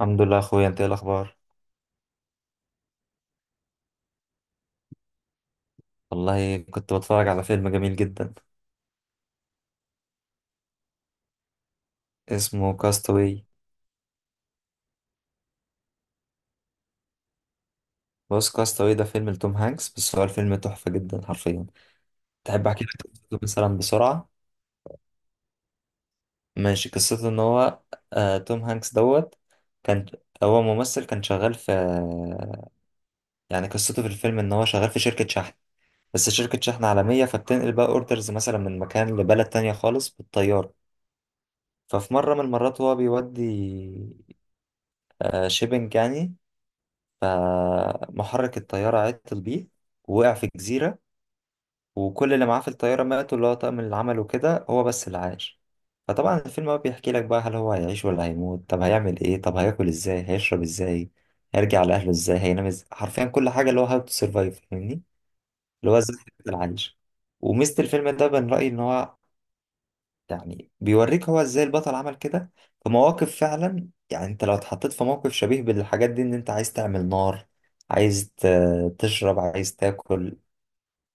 الحمد لله يا اخويا، انت ايه الاخبار؟ والله كنت بتفرج على فيلم جميل جدا اسمه كاستاوي. بص، كاستاوي ده فيلم لتوم هانكس، بس هو الفيلم تحفة جدا حرفيا. تحب احكي لك قصته مثلا بسرعة؟ ماشي. قصته ان هو توم هانكس كان، هو ممثل كان شغال في، يعني قصته في الفيلم ان هو شغال في شركة شحن، بس شركة شحن عالمية، فبتنقل بقى اوردرز مثلا من مكان لبلد تانية خالص بالطيارة. ففي مرة من المرات هو بيودي، شيبنج يعني، فمحرك الطيارة عطل بيه ووقع في جزيرة، وكل اللي معاه في الطيارة ماتوا، اللي هو طاقم، اللي عمله كده هو بس اللي عاش. فطبعا الفيلم بقى بيحكي لك بقى، هل هو هيعيش ولا هيموت؟ طب هيعمل ايه؟ طب هياكل ازاي؟ هيشرب ازاي؟ هيرجع لأهله ازاي؟ هينام ازاي؟ حرفيا كل حاجة، اللي هو هاو تو سرفايف، فاهمني؟ اللي هو ازاي هيفضل عايش. وميزة الفيلم ده من رأيي ان هو، يعني بيوريك هو ازاي البطل عمل كده في مواقف. فعلا يعني انت لو اتحطيت في موقف شبيه بالحاجات دي، ان انت عايز تعمل نار، عايز تشرب، عايز تاكل،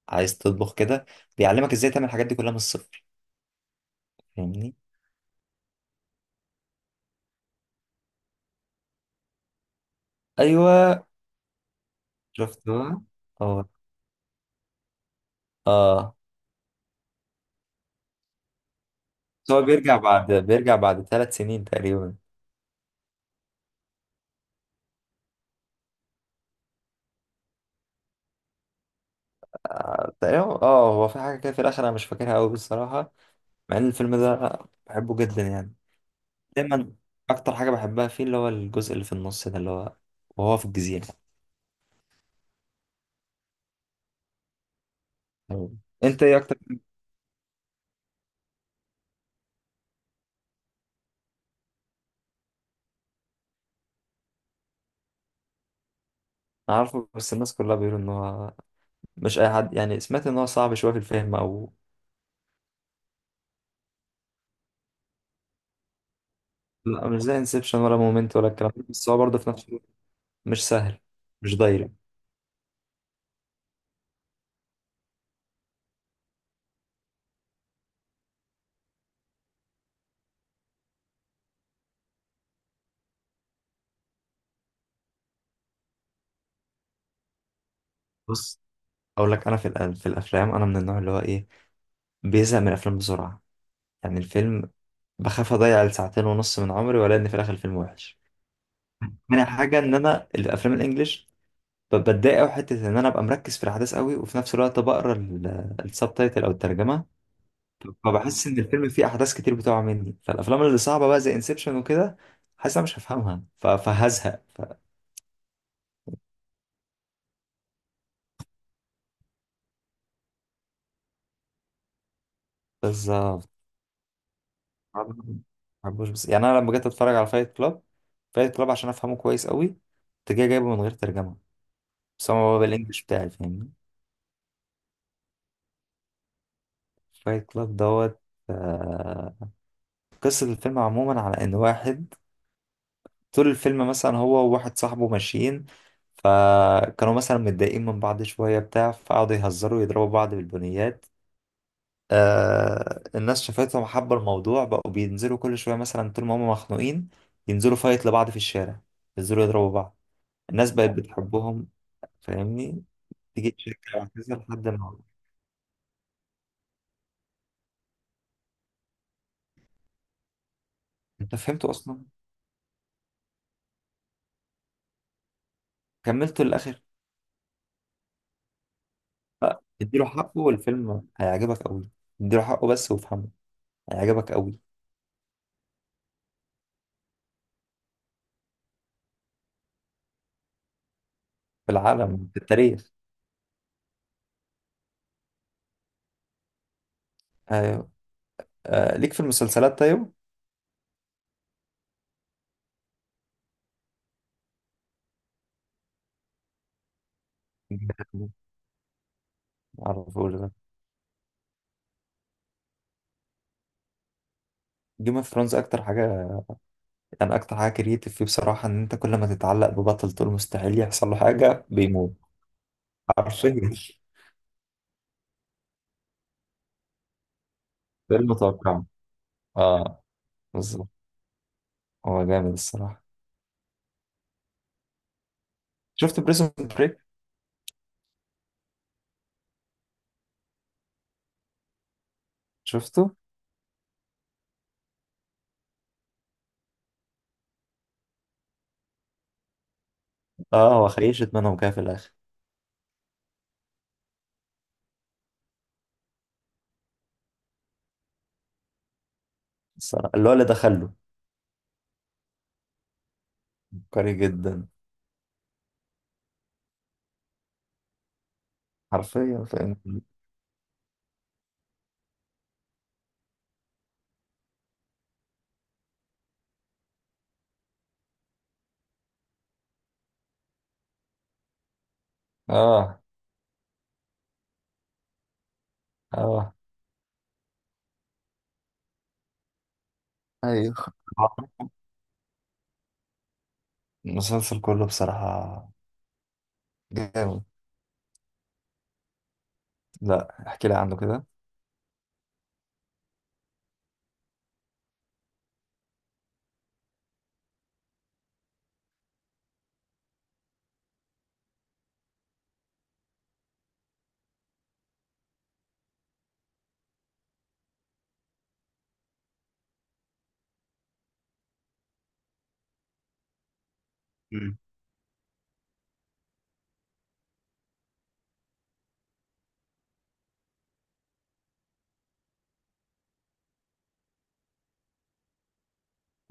عايز تطبخ كده، بيعلمك ازاي تعمل الحاجات دي كلها من الصفر. فاهمني؟ ايوه، شفتها. اه، اه. بس هو بيرجع، بعد 3 سنين تقريبا. تقريبا، اه، هو في حاجه كده في الاخر انا مش فاكرها قوي بصراحه. مع ان الفيلم ده بحبه جدا يعني، دايما. اكتر حاجه بحبها فيه اللي هو الجزء اللي في النص ده، اللي هو وهو في الجزيره. أيوة. انت ايه اكتر؟ أنا عارفه، بس الناس كلها بيقولوا ان هو مش اي حد يعني، سمعت ان هو صعب شويه في الفهم او. لا، مش زي انسبشن ولا مومنت ولا الكلام ده، بس هو برضه في نفس الوقت مش سهل، مش دايركت. بص، اقول لك، انا في الافلام انا من النوع اللي هو ايه، بيزهق من الافلام بسرعه. يعني الفيلم، بخاف اضيع الساعتين ونص من عمري ولا ان في الاخر الفيلم وحش. تاني حاجه، ان انا الافلام الانجليش بتضايق قوي حته ان انا ابقى مركز في الاحداث قوي وفي نفس الوقت بقرا السب تايتل او الترجمه. فبحس ان الفيلم فيه احداث كتير بتقع مني. فالافلام اللي صعبه بقى زي انسبشن وكده، حاسس انا مش هفهمها فهزهق بالظبط. ما بحبوش. بس يعني انا لما جيت اتفرج على فايت كلاب، فايت كلاب عشان افهمه كويس قوي كنت جاي جايبه من غير ترجمه، بس هو بقى بالانجلش بتاعي، فاهمني؟ فايت كلاب دوت آه، قصه الفيلم عموما على ان واحد طول الفيلم، مثلا هو وواحد صاحبه ماشيين، فكانوا مثلا متضايقين من بعض شوية بتاع، فقعدوا يهزروا ويضربوا بعض بالبنيات. آه، الناس شافتهم حبوا الموضوع، بقوا بينزلوا كل شوية مثلا طول ما هم مخنوقين، ينزلوا فايت لبعض في الشارع، ينزلوا يضربوا بعض. الناس بقت بتحبهم. فاهمني؟ تيجي تشجع وهكذا لحد ما انت فهمته اصلا، كملته للاخر. اديله حقه والفيلم هيعجبك قوي. اديله حقه بس، وافهمه، هيعجبك قوي. في العالم، في التاريخ. آه. آه، ليك في المسلسلات طيب؟ على طول ده. جيم اوف ثرونز اكتر حاجه، يعني اكتر حاجه كرييتيف فيه بصراحه، ان انت كل ما تتعلق ببطل تقول مستحيل يحصل له حاجه، بيموت. حرفيا ده المتوقع. اه، بالظبط. هو جامد الصراحه. شفت بريزون بريك؟ شفته. اه، هو خيشت منهم كده في الاخر. الصراحه اللي هو اللي دخله عبقري جدا. حرفيا فاهم. اه، اه، ايوه المسلسل كله بصراحه جامد. لا، احكي لي عنه كده.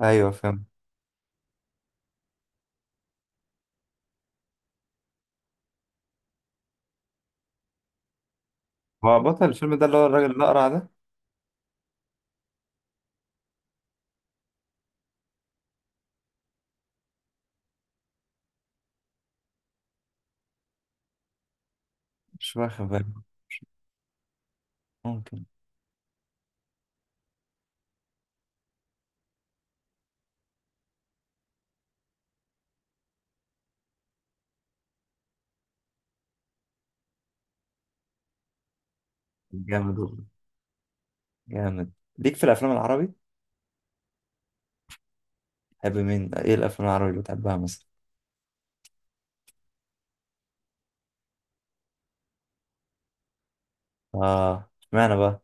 ايوه فاهم. هو بطل الفيلم ده اللي هو الراجل الأقرع ده؟ مش واخد بالي. ممكن. جامد والله، جامد. ليك في الأفلام العربي؟ تحب مين؟ إيه الأفلام العربي اللي بتحبها مثلا؟ آه، اشمعنى بقى؟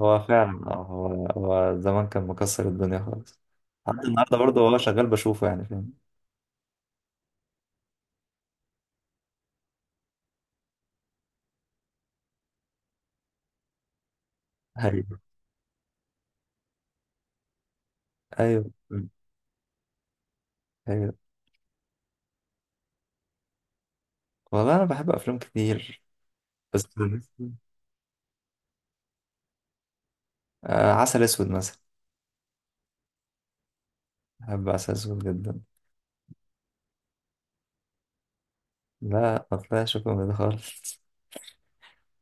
هو فعلا، هو زمان كان مكسر الدنيا خالص. حتى النهارده برضه هو شغال بشوفه، يعني فاهم. ايوه، ايوه، ايوه. والله انا بحب افلام كتير، بس آه، عسل اسود مثلا. بحب عسل اسود جدا. لا، ما طلعش كوميدي خالص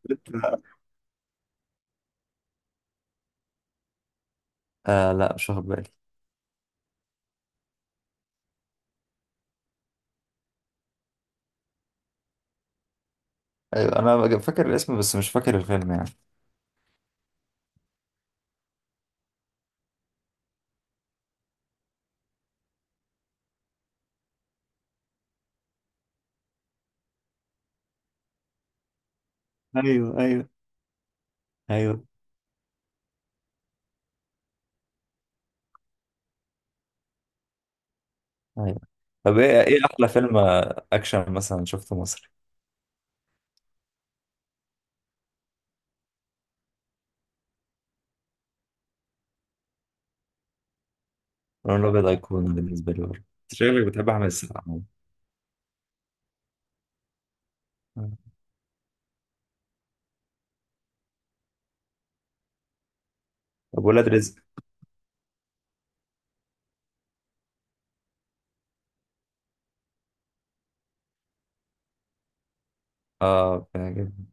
آه، لا، مش واخد بالي. ايوه انا فاكر الاسم، بس مش فاكر الفيلم يعني. ايوه، ايوه، ايوه، ايوه. طب ايه احلى فيلم اكشن مثلا شفته مصري؟ لون الابيض ايقوني بالنسبه لي برضه. أنت شكلك بتحب احمد السقا عموماً. طب ولاد رزق؟ اه، بيعجبني.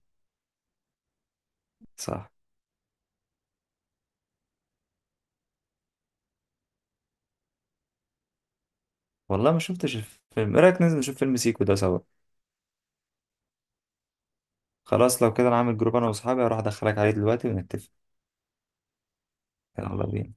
صح. والله ما شفتش الفيلم. ايه رايك ننزل نشوف فيلم سيكو ده سوا؟ خلاص، لو كده انا عامل جروب انا واصحابي، هروح ادخلك عليه دلوقتي ونتفق. يلا بينا.